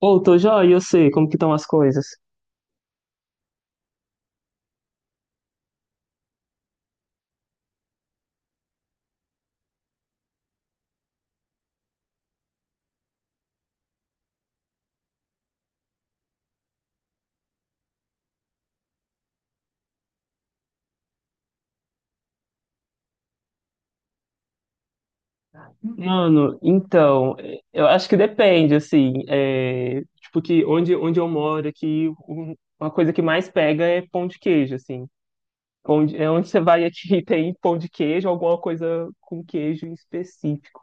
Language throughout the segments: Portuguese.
Ô, tô joia, eu sei como que estão as coisas. Mano, então, eu acho que depende, assim, tipo que onde eu moro aqui, uma coisa que mais pega é pão de queijo, assim. É onde você vai aqui tem pão de queijo, alguma coisa com queijo em específico.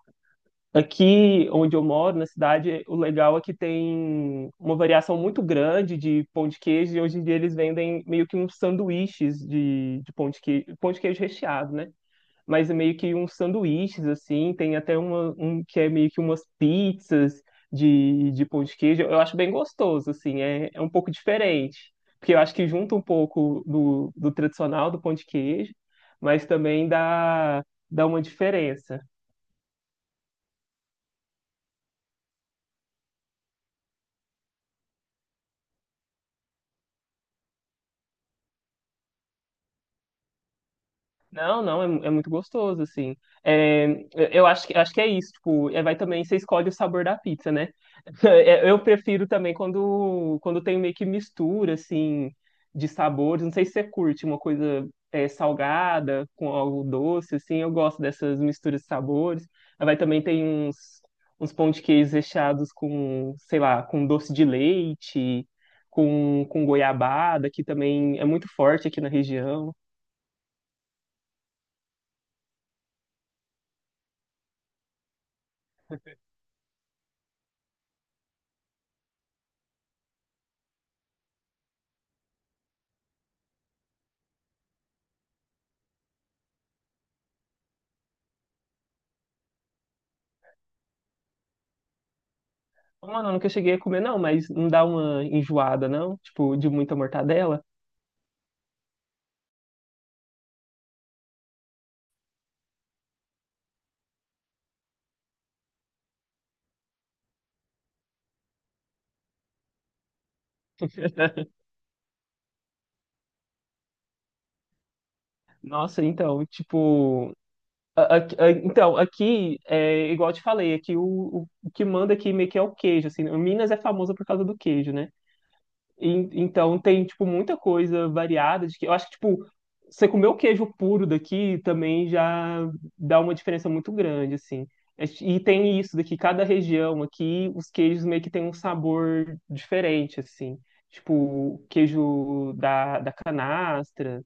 Aqui onde eu moro, na cidade, o legal é que tem uma variação muito grande de pão de queijo e hoje em dia eles vendem meio que uns sanduíches de pão de queijo recheado, né? Mas é meio que uns sanduíches, assim, tem até uma, um que é meio que umas pizzas de pão de queijo. Eu acho bem gostoso, assim, é um pouco diferente, porque eu acho que junta um pouco do tradicional do pão de queijo, mas também dá, dá uma diferença. Não, não, é muito gostoso, assim. É, eu acho que é isso, tipo, é, vai também, você escolhe o sabor da pizza, né? É, eu prefiro também quando tem meio que mistura, assim, de sabores. Não sei se você curte uma coisa é, salgada com algo doce, assim, eu gosto dessas misturas de sabores. Aí vai também tem uns, uns pão de queijo recheados com, sei lá, com doce de leite, com goiabada, que também é muito forte aqui na região. Mano, eu nunca cheguei a comer, não, mas não dá uma enjoada, não? Tipo, de muita mortadela? Nossa, então, tipo. Então, aqui, é, igual eu te falei, aqui o que manda aqui meio que é o queijo, assim, né? Minas é famosa por causa do queijo, né? Então tem, tipo, muita coisa variada de que eu acho que, tipo, você comer o queijo puro daqui também já dá uma diferença muito grande, assim. É, e tem isso daqui, cada região aqui, os queijos meio que tem um sabor diferente, assim. Tipo, o queijo da canastra,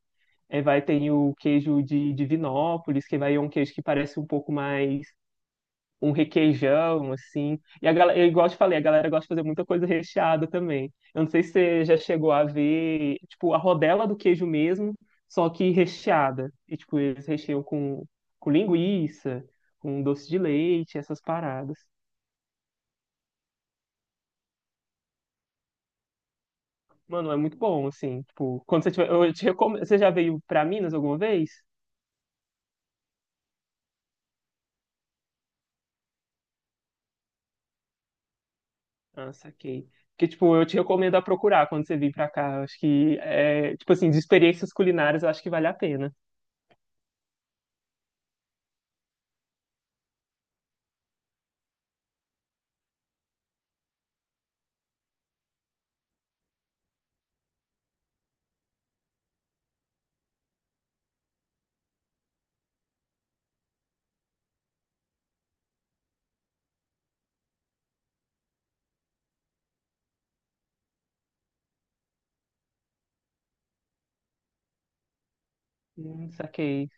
vai ter o queijo de Divinópolis, que vai é um queijo que parece um pouco mais um requeijão, assim. E a galera, igual eu te falei, a galera gosta de fazer muita coisa recheada também. Eu não sei se você já chegou a ver, tipo, a rodela do queijo mesmo, só que recheada. E, tipo, eles recheiam com linguiça, com doce de leite, essas paradas. Mano, é muito bom, assim, tipo, quando você tiver, eu te recomendo, você já veio pra Minas alguma vez? Ah, saquei. Que, tipo, eu te recomendo a procurar quando você vir pra cá. Eu acho que, é, tipo assim, de experiências culinárias, eu acho que vale a pena. Saquei.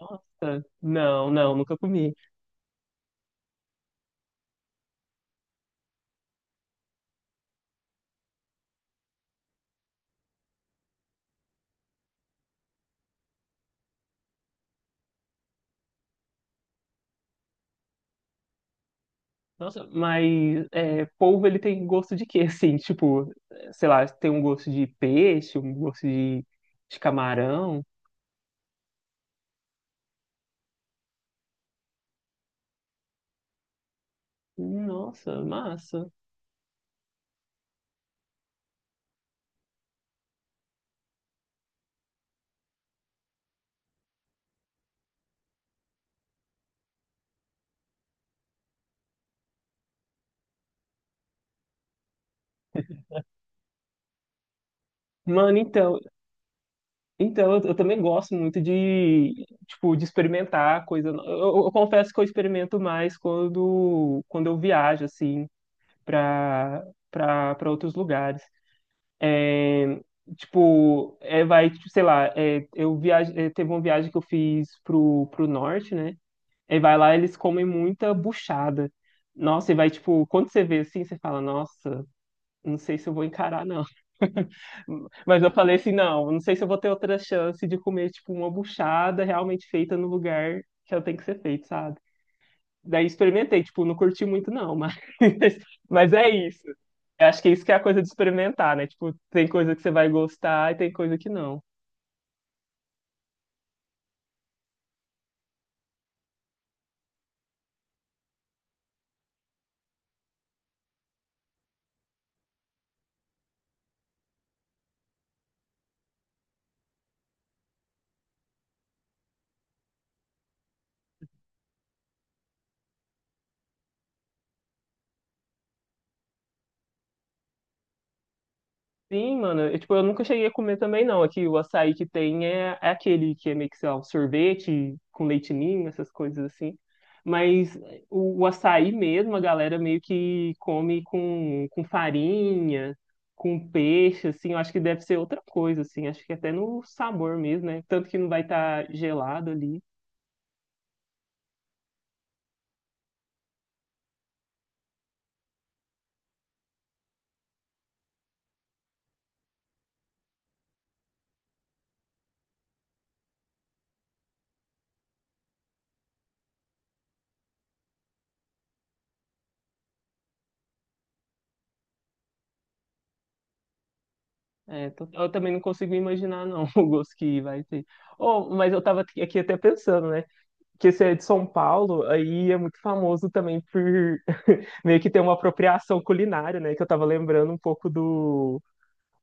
Nossa, não, não, nunca comi. Nossa, mas é, polvo ele tem gosto de quê? Assim, tipo, sei lá, tem um gosto de peixe, um gosto de camarão. Nossa, massa. Mano, então, então eu também gosto muito de, tipo, de experimentar coisa. Eu, confesso que eu experimento mais quando eu viajo, assim, pra, pra outros lugares. É, tipo, é, vai, tipo, sei lá, é, eu viaje, é, teve uma viagem que eu fiz pro, pro norte, né? Aí vai lá, eles comem muita buchada. Nossa, e vai, tipo, quando você vê assim, você fala, nossa, não sei se eu vou encarar, não. Mas eu falei assim, não, não sei se eu vou ter outra chance de comer, tipo, uma buchada realmente feita no lugar que ela tem que ser feita, sabe? Daí experimentei, tipo, não curti muito, não, mas, mas é isso. Eu acho que isso que é a coisa de experimentar, né? Tipo, tem coisa que você vai gostar e tem coisa que não. Sim, mano. Eu, tipo, eu nunca cheguei a comer também, não. Aqui o açaí que tem é, é aquele que é meio que, sei lá, um sorvete com leite ninho, essas coisas assim. Mas o açaí mesmo, a galera meio que come com farinha, com peixe, assim. Eu acho que deve ser outra coisa, assim. Acho que até no sabor mesmo, né? Tanto que não vai estar gelado ali. É, eu também não consigo imaginar, não, o gosto que vai ter. Oh, mas eu tava aqui até pensando, né? Que esse é de São Paulo, aí é muito famoso também por meio que ter uma apropriação culinária, né? Que eu tava lembrando um pouco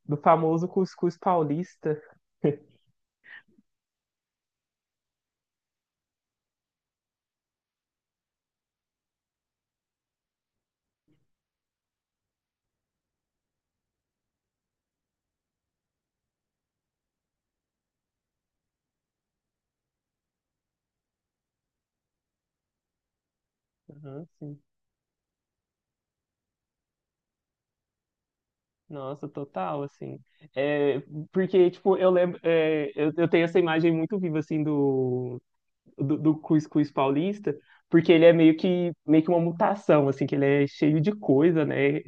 do famoso cuscuz paulista. Aham, sim. Nossa, total, assim. É, porque, tipo, eu lembro, é, eu tenho essa imagem muito viva, assim, do cuscuz paulista, porque ele é meio que uma mutação, assim, que ele é cheio de coisa, né,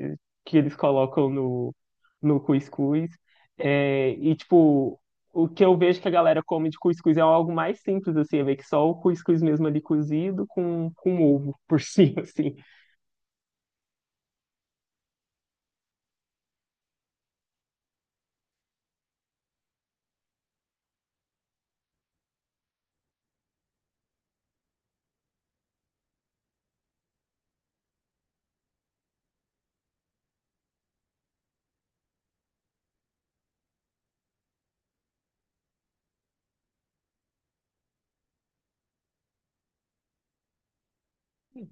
que eles colocam no cuscuz. É, e, tipo, o que eu vejo que a galera come de cuscuz é algo mais simples, assim, é meio que só o cuscuz mesmo ali cozido com ovo por cima, assim.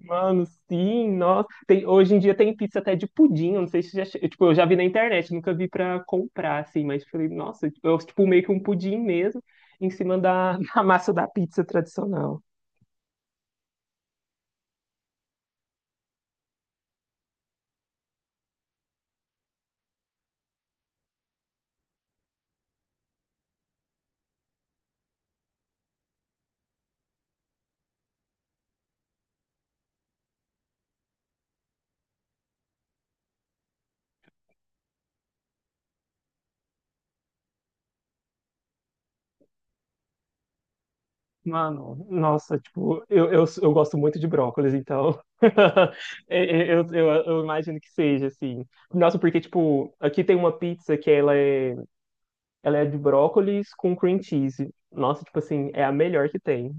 Mano, sim, nossa. Tem, hoje em dia tem pizza até de pudim, eu não sei se já. Tipo, eu já vi na internet, nunca vi pra comprar, assim, mas falei, nossa, tipo, eu, tipo, meio que um pudim mesmo, em cima da massa da pizza tradicional. Mano, nossa, tipo, eu gosto muito de brócolis, então. Eu imagino que seja, assim. Nossa, porque, tipo, aqui tem uma pizza que ela é de brócolis com cream cheese. Nossa, tipo assim, é a melhor que tem.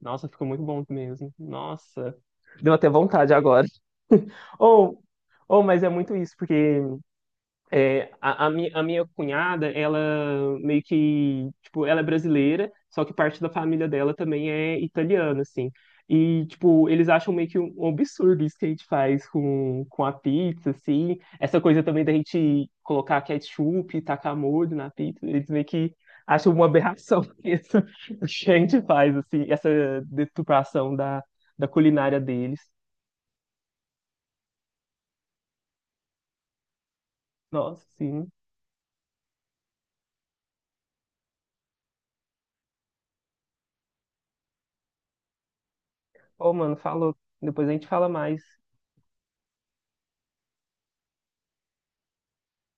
Nossa, ficou muito bom mesmo. Nossa, deu até vontade agora. Ou, ou, mas é muito isso, porque é, a minha cunhada, ela meio que, tipo, ela é brasileira, só que parte da família dela também é italiana, assim. E, tipo, eles acham meio que um absurdo isso que a gente faz com a pizza, assim. Essa coisa também da gente colocar ketchup e tacar molho na pizza, eles meio que acham uma aberração isso que a gente faz, assim, essa deturpação da, da culinária deles. Nossa, sim. Ô, mano, falou. Depois a gente fala mais.